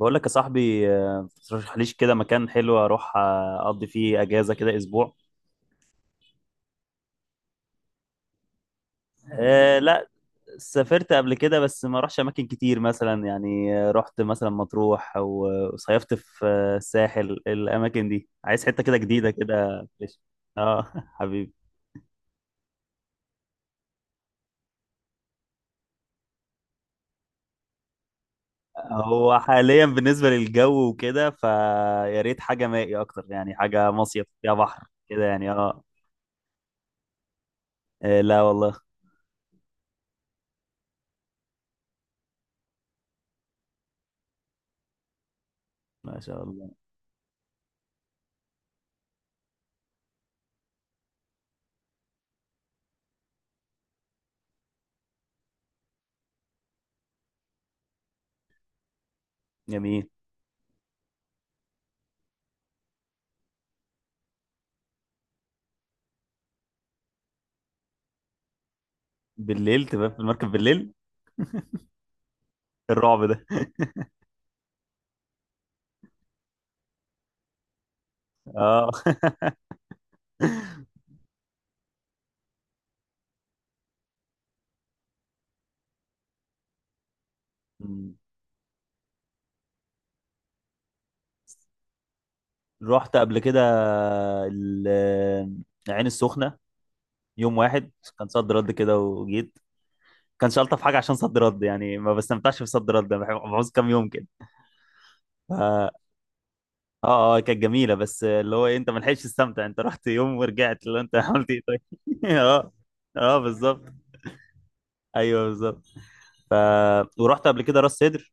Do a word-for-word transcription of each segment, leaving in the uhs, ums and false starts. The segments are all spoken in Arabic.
بقول لك يا صاحبي آه، ترشح ليش كده مكان حلو اروح آه، اقضي فيه اجازه كده اسبوع. أه، لا. سافرت قبل كده بس ما رحتش اماكن كتير مثلا، يعني آه، رحت مثلا مطروح، او آه، صيفت في آه، الساحل. الاماكن دي عايز حته كده جديده كده ليش. اه، حبيبي. هو حاليا بالنسبه للجو وكده، فيا ريت حاجه مائي اكتر، يعني حاجه مصيف فيها بحر كده يعني اه آه، لا والله. ما شاء الله. جميل. بالليل تبقى في المركب بالليل. الرعب ده. اه، رحت قبل كده. ال- العين السخنة. يوم واحد. كان صد رد كده وجيت. كانش ألطف حاجة عشان صد رد، يعني ما بستمتعش بصد رد. أنا بحب- بعوز كام يوم كده. ف- اه اه، كانت جميلة، بس اللي هو إيه، انت ما لحقتش تستمتع، انت رحت يوم ورجعت، اللي هو انت عملت ايه طيب؟ اه. اه، بالظبط. ايوه، بالظبط. آه، ورحت قبل كده راس سدر.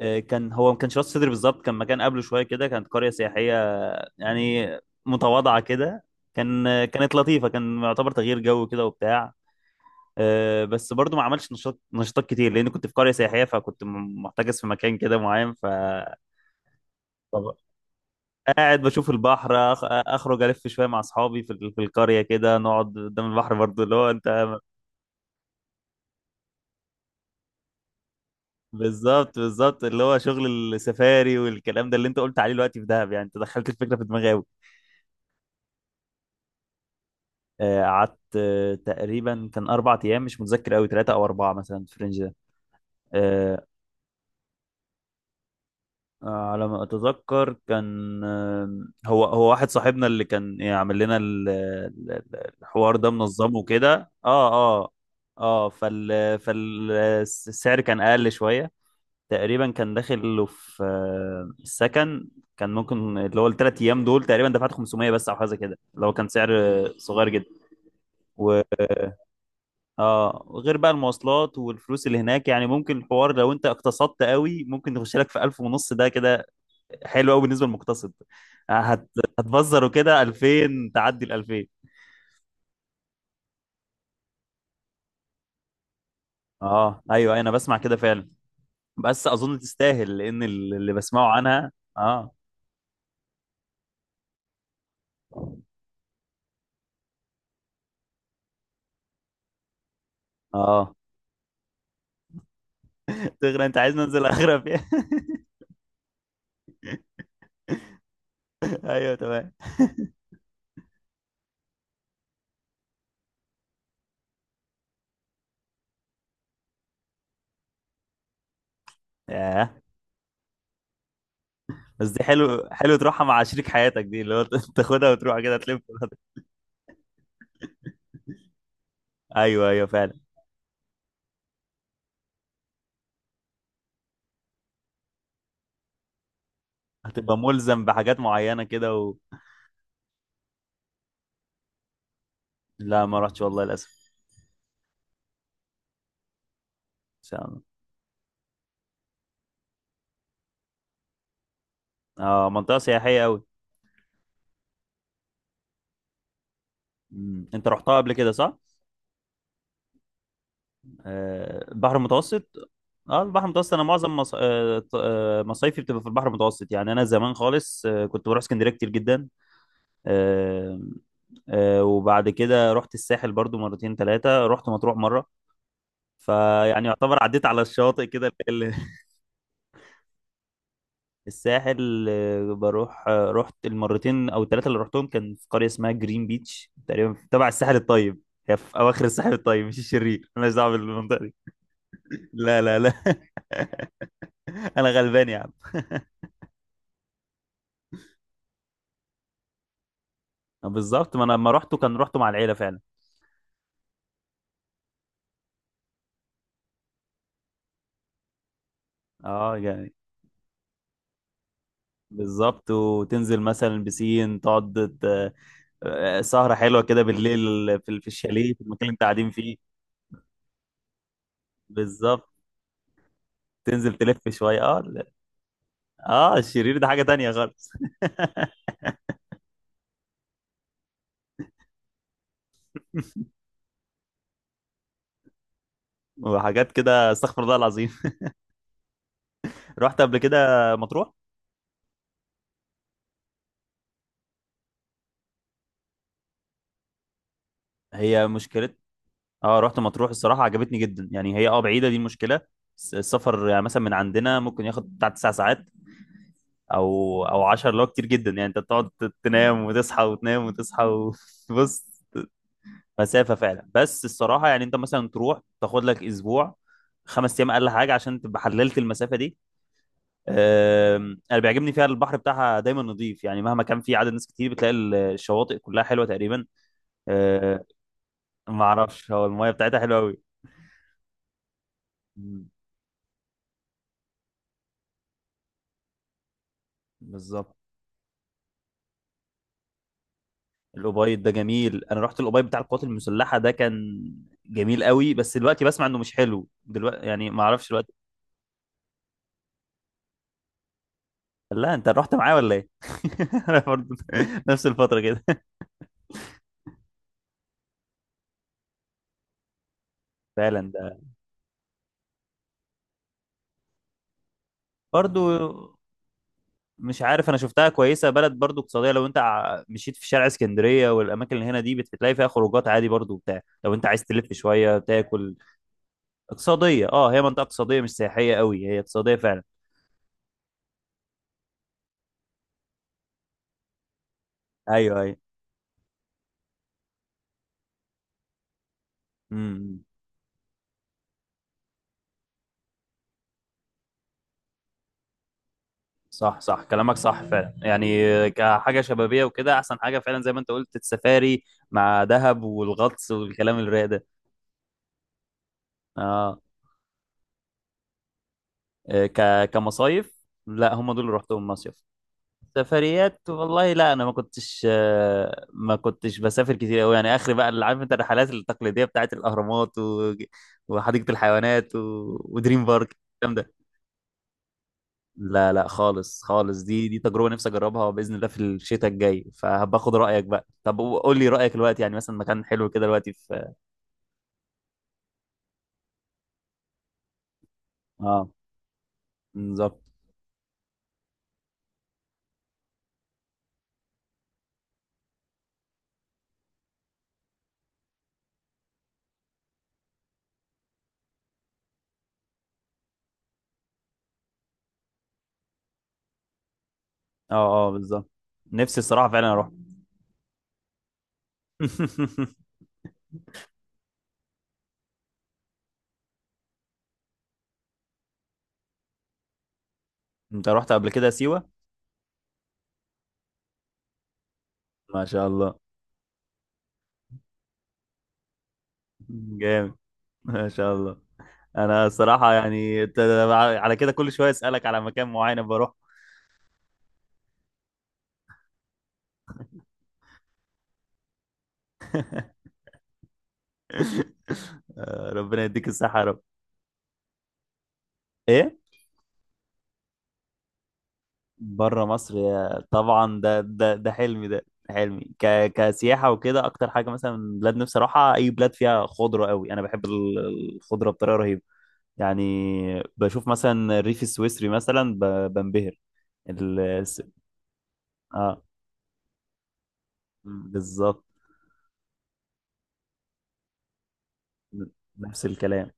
آه، كان هو ما كانش راس سدر بالظبط، كان مكان قبله شويه كده، كانت قريه سياحيه. يعني متواضعة كده. كان كانت لطيفة، كان يعتبر تغيير جو كده وبتاع. آه، بس برضو ما عملش نشاط نشاطات كتير لان كنت في قريه سياحيه، فكنت م- محتجز في مكان كده معين. ف طب- قاعد بشوف البحر، أخ- اخرج الف شويه مع اصحابي في ال- في القريه كده، نقعد قدام البحر برضو اللي هو انت. بالظبط، بالظبط، اللي هو شغل السفاري والكلام ده اللي انت قلت عليه دلوقتي في دهب، يعني انت دخلت الفكره في دماغي قوي. قعدت، آه، تقريبا كان اربع ايام، مش متذكر قوي، ثلاثه او اربعه مثلا في الرينج ده. آه، آه، على ما اتذكر كان، آه، هو هو واحد صاحبنا اللي كان يعمل لنا ال- ال- ال- الحوار ده، منظمه كده. اه اه. اه، فال فالسعر كان اقل شويه. تقريبا كان داخل له في آه، السكن. كان ممكن اللي هو الثلاث ايام دول تقريبا دفعت خمسمئة بس او حاجه كده، اللي هو كان سعر صغير جدا و اه، غير بقى المواصلات والفلوس اللي هناك، يعني ممكن الحوار لو انت اقتصدت قوي ممكن يخش لك في الف ونص ده كده. حلو قوي بالنسبه للمقتصد. آه، هت... هتبذر وكده الفين، تعدي ال الفين. اه، ايوه، أيوة، انا بسمع كده فعلا. بس اظن تستاهل لان ال- اللي بسمعه عنها. اه، اه، تغرى انت عايز ننزل اغرب يعني. ايوه، تمام. ياه. بس دي حلو حلو تروحها مع شريك حياتك، دي اللي هو ت- تاخدها وتروح كده تلف براحتك. ايوه، ايوه، فعلا. هتبقى ملزم بحاجات معينه كده و... لا، ما رحتش والله للاسف. ان شاء الله. اه، منطقه سياحيه قوي. انت رحتها قبل كده، صح؟ آه، البحر المتوسط. اه، البحر المتوسط، انا معظم مص... آه، ط- آه، مصايفي بتبقى في البحر المتوسط، يعني انا زمان خالص آه، كنت بروح اسكندريه كتير جدا. آه، آه، وبعد كده رحت الساحل برضو مرتين ثلاثه، رحت مطروح مره. فيعني يعتبر عديت على الشاطئ كده ال- ال- الساحل، آه، بروح آه، رحت المرتين او الثلاثه اللي رحتهم، كان في قريه اسمها جرين بيتش تقريبا تبع الساحل الطيب. هي في اواخر الساحل الطيب، مش الشرير، مالناش دعوه بالمنطقه دي. لا، لا، لا. انا غلبان يا عم. آه، بالظبط، ما انا لما رحته كان رحته مع العيله فعلا. اه، يعني بالظبط، وتنزل مثلا بسين، تقعد ت- آه، سهره حلوه كده بالليل، في في الشاليه في المكان اللي انت قاعدين فيه. بالظبط. تنزل تلف شويه. اه، لا. اه، الشرير ده حاجه تانية خالص. وحاجات كده، استغفر الله العظيم. رحت قبل كده مطروح. هي مشكلة. اه، رحت مطروح، الصراحة عجبتني جدا، يعني هي اه بعيدة، دي المشكلة. الس- السفر يعني مثلا من عندنا ممكن ياخد بتاع تسع ساعات، او او عشر، اللي هو كتير جدا، يعني انت بتقعد تنام وتصحى وتنام وتصحى. وبص. مسافه فعلا، بس الصراحه يعني انت مثلا تروح تاخد لك اسبوع. خمس ايام اقل حاجه، عشان تبقى حللت المسافه دي. أم، انا بيعجبني فيها البحر بتاعها دايما نظيف، يعني مهما كان في عدد ناس كتير بتلاقي ال- الشواطئ كلها حلوه تقريبا. أه، ما اعرفش، هو المايه بتاعتها حلوه قوي. مم، بالظبط. الأوبايد ده جميل، انا رحت الأوبايد بتاع القوات المسلحه ده، كان جميل قوي. بس دلوقتي بسمع انه مش حلو دلوقتي، يعني ما اعرفش. لا، انت رحت معاه ولا ايه؟ انا برضه نفس الفترة كده. فعلا ده. برضه. مش عارف، انا شفتها كويسة، بلد برضه اقتصادية، لو انت ع- مشيت في شارع اسكندرية والاماكن اللي هنا دي بتلاقي فيها خروجات عادي برضه وبتاع، لو انت عايز تلف شوية تاكل. اقتصادية، اه، هي منطقة اقتصادية، مش سياحية قوي، هي اقتصادية فعلا. ايوه، ايوه. امم، امم. صح، صح، كلامك صح فعلا، يعني آه، كحاجة شبابية وكده احسن حاجة فعلا، زي ما انت قلت السفاري مع دهب والغطس والكلام الرايق ده. اه. آه، ك كمصايف لا، هم دول اللي رحتهم مصيف. سفريات، والله لا، انا ما كنتش آه، ما كنتش بسافر كتير قوي، يعني اخر بقى اللي عارف انت الرحلات التقليديه بتاعت الاهرامات و... وحديقه الحيوانات و... ودريم بارك الكلام ده. لا، لا، خالص، خالص، دي دي تجربه نفسي اجربها باذن الله في الشتاء الجاي، فهباخد رايك بقى. طب قول لي رايك دلوقتي، يعني مثلا مكان حلو كده دلوقتي في اه، بالظبط. اه، اه، بالظبط. نفسي الصراحه فعلا اروح. انت رحت قبل كده سيوه؟ ما شاء الله. جامد. ما شاء الله. انا الصراحه يعني انت، على كده كل شويه اسالك على مكان معين بروح. آه، ربنا يديك الصحه يا رب. ايه. بره مصر، يا طبعا، ده ده ده حلمي، ده حلمي ك كسياحه وكده، اكتر حاجه مثلا بلاد نفسي اروحها، اي بلاد فيها خضره قوي، انا بحب ال- الخضره بطريقه رهيبه. يعني بشوف مثلا الريف السويسري مثلا ب- بنبهر. ال... الس- اه، بالظبط، نفس الكلام.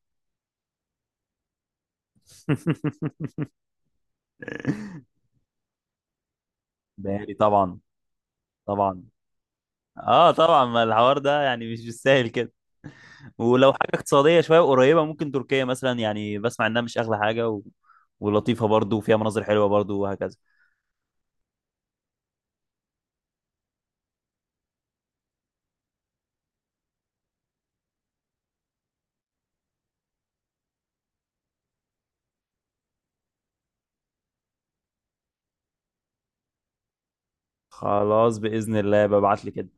داري طبعا. طبعا. اه، طبعا، ما الحوار ده يعني مش بالسهل كده. ولو حاجه اقتصاديه شويه قريبه، ممكن تركيا مثلا، يعني بسمع انها مش اغلى حاجه و... ولطيفه برضو، وفيها مناظر حلوه برضو، وهكذا. خلاص، باذن الله ببعت لي كده.